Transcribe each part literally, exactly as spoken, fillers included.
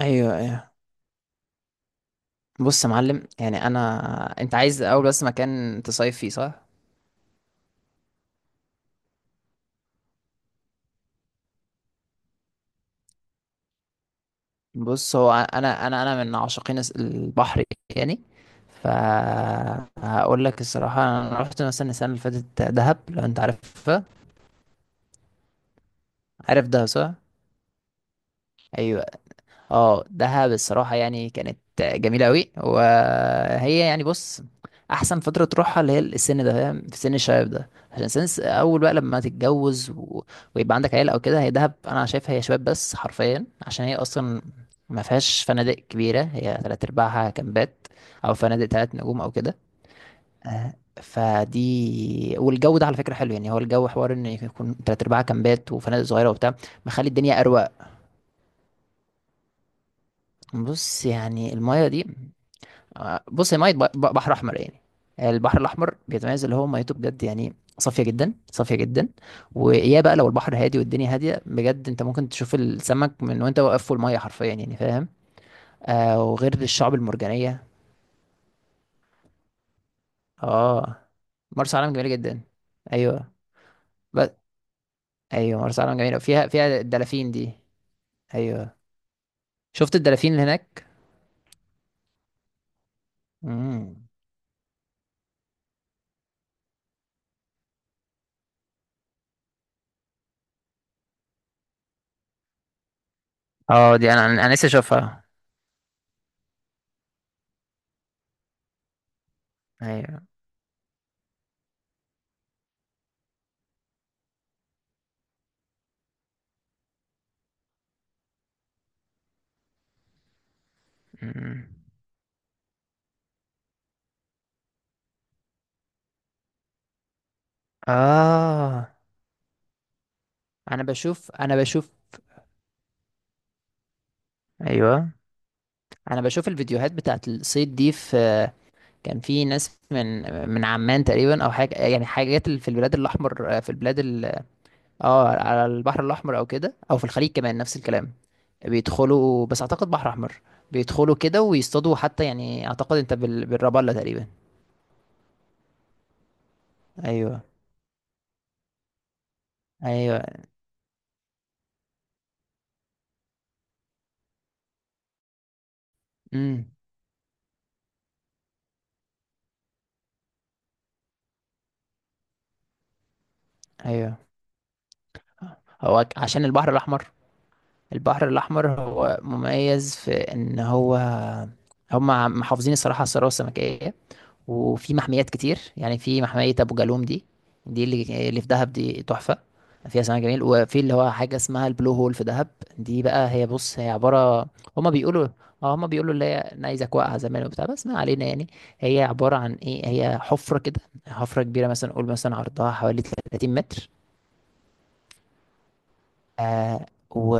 ايوه، ايوه. بص يا معلم، يعني انا انت عايز اول بس مكان تصيف فيه، صح؟ بص، هو انا انا انا من عاشقين الس- البحر يعني. ف هقول لك الصراحه، انا رحت مثلا السنه اللي فاتت دهب، لو انت عارفها. عارف دهب صح؟ ايوه. اه، دهب الصراحة يعني كانت جميلة أوي، وهي يعني بص، أحسن فترة تروحها اللي هي السن ده، فاهم؟ في سن الشباب ده، عشان سن أول بقى لما تتجوز و... ويبقى عندك عيلة أو كده. هي دهب أنا شايفها هي شباب بس حرفيا، عشان هي أصلا ما فيهاش فنادق كبيرة، هي تلات أرباعها كامبات أو فنادق تلات نجوم أو كده. آه، فدي، والجو ده على فكرة حلو، يعني هو الجو حوار إن يكون تلات أرباعها كامبات وفنادق صغيرة وبتاع، مخلي الدنيا أروق. بص يعني المايه دي، آه، بص هي ميه ب- ب- بحر احمر يعني. البحر الاحمر بيتميز اللي هو ميته بجد يعني، صافيه جدا صافيه جدا، ويا بقى لو البحر هادي والدنيا هاديه بجد، انت ممكن تشوف السمك من وانت واقف في الميه حرفيا، يعني فاهم. آه، وغير الشعب المرجانيه. اه، مرسى علم جميله جدا. ايوه. بس ايوه، مرسى علم جميله، فيها فيها الدلافين دي. ايوه. شفت الدلافين اللي هناك؟ امم اه، دي انا انا لسه اشوفها. ايوه. مم. اه، انا بشوف انا بشوف ايوه، انا بشوف الفيديوهات بتاعت الصيد دي. في كان في ناس من من عمان تقريبا او حاجه، يعني حاجات اللي في البلاد الاحمر، في البلاد ال... اه، على البحر الاحمر او كده، او في الخليج كمان نفس الكلام. بيدخلوا، بس اعتقد بحر احمر. بيدخلوا كده ويصطادوا حتى، يعني اعتقد انت بال... بالرابلة تقريبا. ايوه، ايوه. امم ايوه. هو عشان البحر الاحمر، البحر الاحمر هو مميز في ان هو، هم محافظين الصراحه على الثروه السمكيه، وفي محميات كتير يعني. في محمية أبو جالوم دي، دي اللي اللي في دهب، دي تحفة. فيها سمك جميل، وفي اللي هو حاجة اسمها البلو هول في دهب. دي بقى هي، بص هي عبارة، هما بيقولوا، اه، هما بيقولوا اللي هي نيزك واقعة زمان وبتاع، بس ما علينا يعني. هي عبارة عن ايه؟ هي حفرة كده، حفرة كبيرة مثلا، قول مثلا عرضها حوالي تلاتين متر. آه و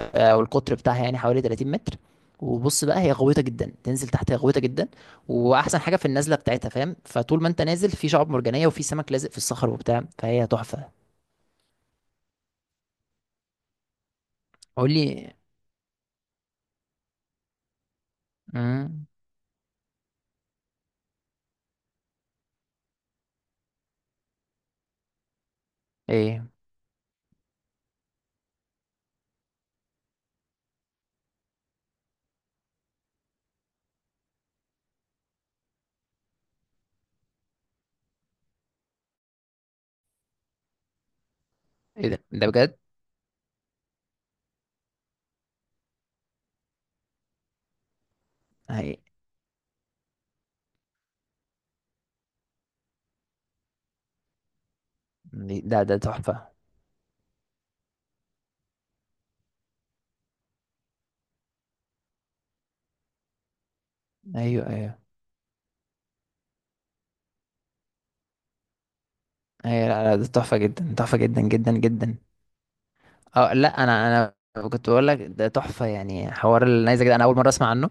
آه، والقطر بتاعها يعني حوالي تلاتين متر. وبص بقى، هي غويطه جدا، تنزل تحت، هي غويطه جدا. واحسن حاجه في النزله بتاعتها فاهم، فطول ما انت نازل في شعاب مرجانيه وفي سمك لازق في الصخر وبتاع، فهي تحفه. قول لي. امم ايه؟ ايه ده ده بجد؟ هي دي- ده ده تحفه. ايوه ايوه. ايوه، لا لا، ده تحفه جدا، تحفه جدا جدا جدا. اه لا، انا انا كنت بقول لك ده تحفه، يعني حوار النيزك ده انا اول مره اسمع عنه.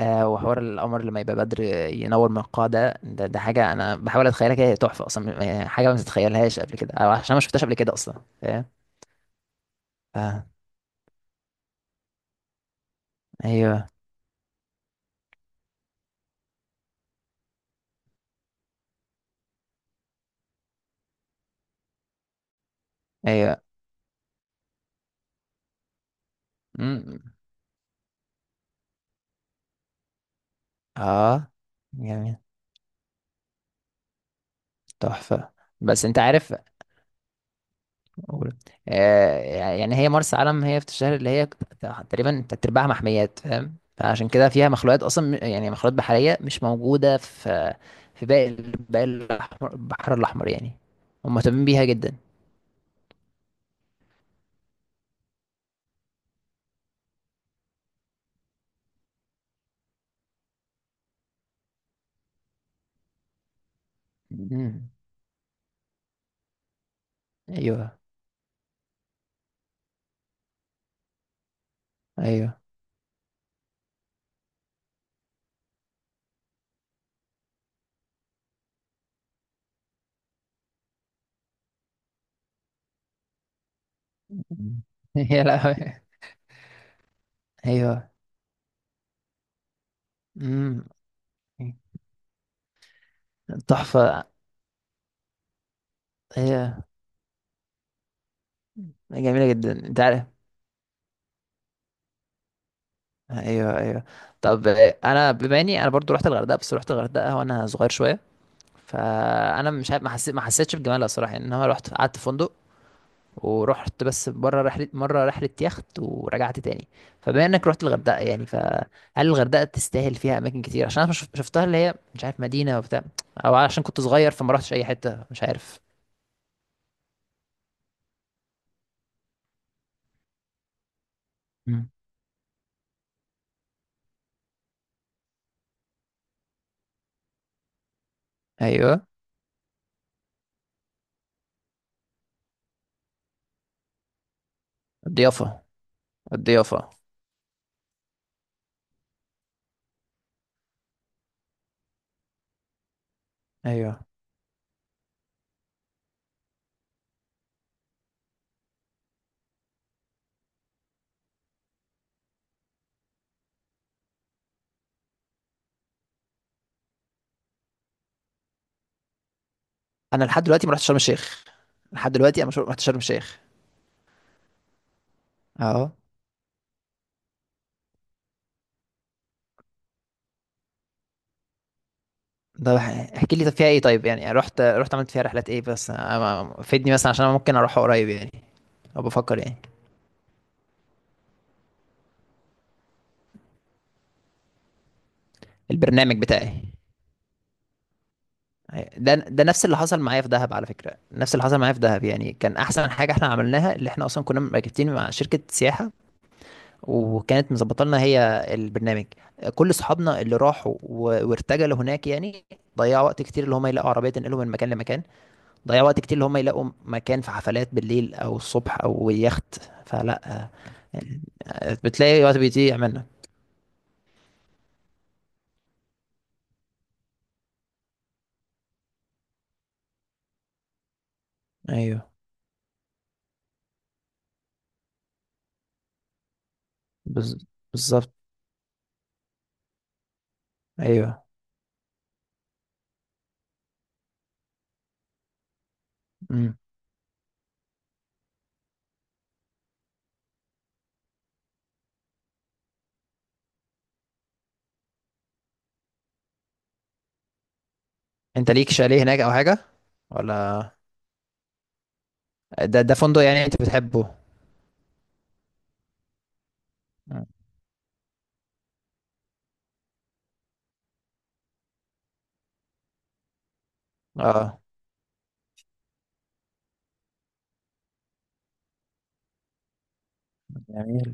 آه، وحوار القمر لما يبقى بدر، ينور من القاع. ده ده, ده حاجه انا بحاول اتخيلها كده، هي تحفه اصلا، يعني حاجه ما تتخيلهاش قبل كده، او عشان ما شفتهاش قبل كده اصلا. فاهم. آه. ايوه، ايوه. امم اه، جميل. تحفه. بس انت عارف، قول. آه، يعني هي مرسى علم، هي في الشهر اللي هي تقريبا تلات ارباعها محميات، فاهم؟ فعشان كده فيها مخلوقات، اصلا يعني مخلوقات بحريه مش موجوده في في باقي باقي الأحمر- البحر الاحمر يعني. هم مهتمين بيها جدا. مم. ايوه، ايوه. مم. يا لهوي. ايوه. امم. تحفه. هي جميله جدا، انت عارف. ايوه، ايوه. طب، انا بما اني انا برضو رحت الغردقه، بس رحت الغردقه وانا صغير شويه، فانا مش عارف، ما حسيت ما حسيتش بجمالها الصراحه، يعني ان انا رحت قعدت في فندق، ورحت بس بره رحله، مره رحله يخت، ورجعت تاني. فبما انك رحت الغردقه يعني، فهل الغردقه تستاهل؟ فيها اماكن كتير؟ عشان انا شف- شفتها اللي هي مش عارف، مدينه وبتاع، او عشان كنت صغير فما رحتش اي حته، مش عارف. مم. ايوه. الضيافه الضيافه. ايوه. انا لحد دلوقتي ما رحتش شرم الشيخ، لحد دلوقتي انا مش رحت شرم الشيخ. اه. ده احكي لي، طب فيها ايه؟ طيب يعني رحت، رحت عملت فيها رحلات ايه؟ بس أنا- أنا- فيدني مثلا، عشان انا ممكن اروح قريب يعني، او بفكر يعني. البرنامج بتاعي. أيوة. ده ده نفس اللي حصل معايا في دهب، على فكره نفس اللي حصل معايا في دهب، يعني كان احسن حاجه احنا عملناها اللي احنا اصلا كنا مركبتين مع شركه سياحه، وكانت مظبطه لنا هي البرنامج. كل اصحابنا اللي راحوا و- وارتجلوا هناك يعني، ضيعوا وقت كتير اللي هم يلاقوا عربيه تنقلهم من مكان لمكان، ضيعوا وقت كتير اللي هم يلاقوا مكان في حفلات بالليل او الصبح او يخت. فلا يعني، بتلاقي وقت بيضيع منك. ايوه. بز... بالظبط. ايوه. مم. انت ليك شاليه هناك او حاجه، ولا؟ ده ده فندق يعني انت بتحبه؟ مم. اه، جميل.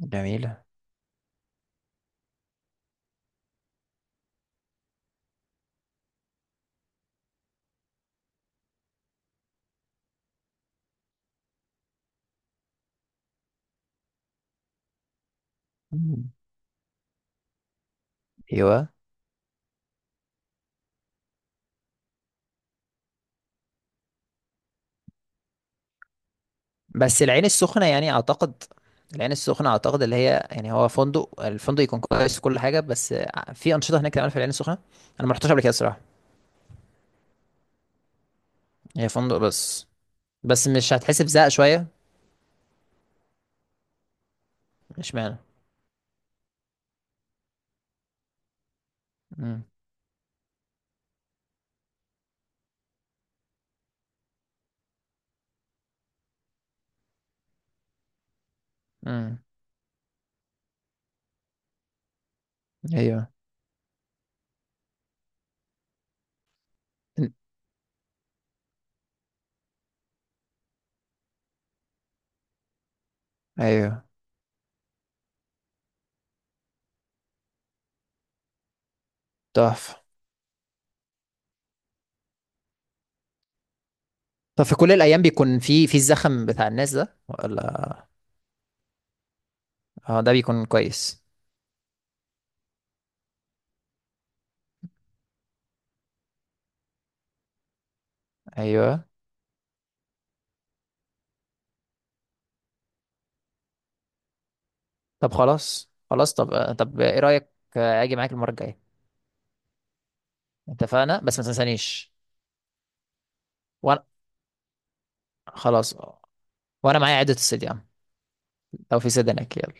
جميلة. مم. ايوه. بس العين السخنة يعني أعتقد، العين السخنة أعتقد اللي هي يعني، هو فندق، الفندق يكون كويس وكل حاجة، بس في أنشطة هناك تعمل في العين السخنة؟ أنا ما رحتش قبل كده الصراحة. هي فندق بس؟ بس مش هتحس بزهق شوية؟ مش معنى. امم امم. أيوه. إن- أيوه. تحفة. طب في كل الأيام بيكون في في الزخم بتاع الناس ده، ولا؟ اه، ده بيكون كويس. أيوه. طب خلاص خلاص، طب آه، طب إيه رأيك، آه، أجي معاك المرة الجاية؟ اتفقنا، بس ما تنسانيش. وأنا، خلاص، وانا معايا عدة الصديان، لو في سدنك، يلا.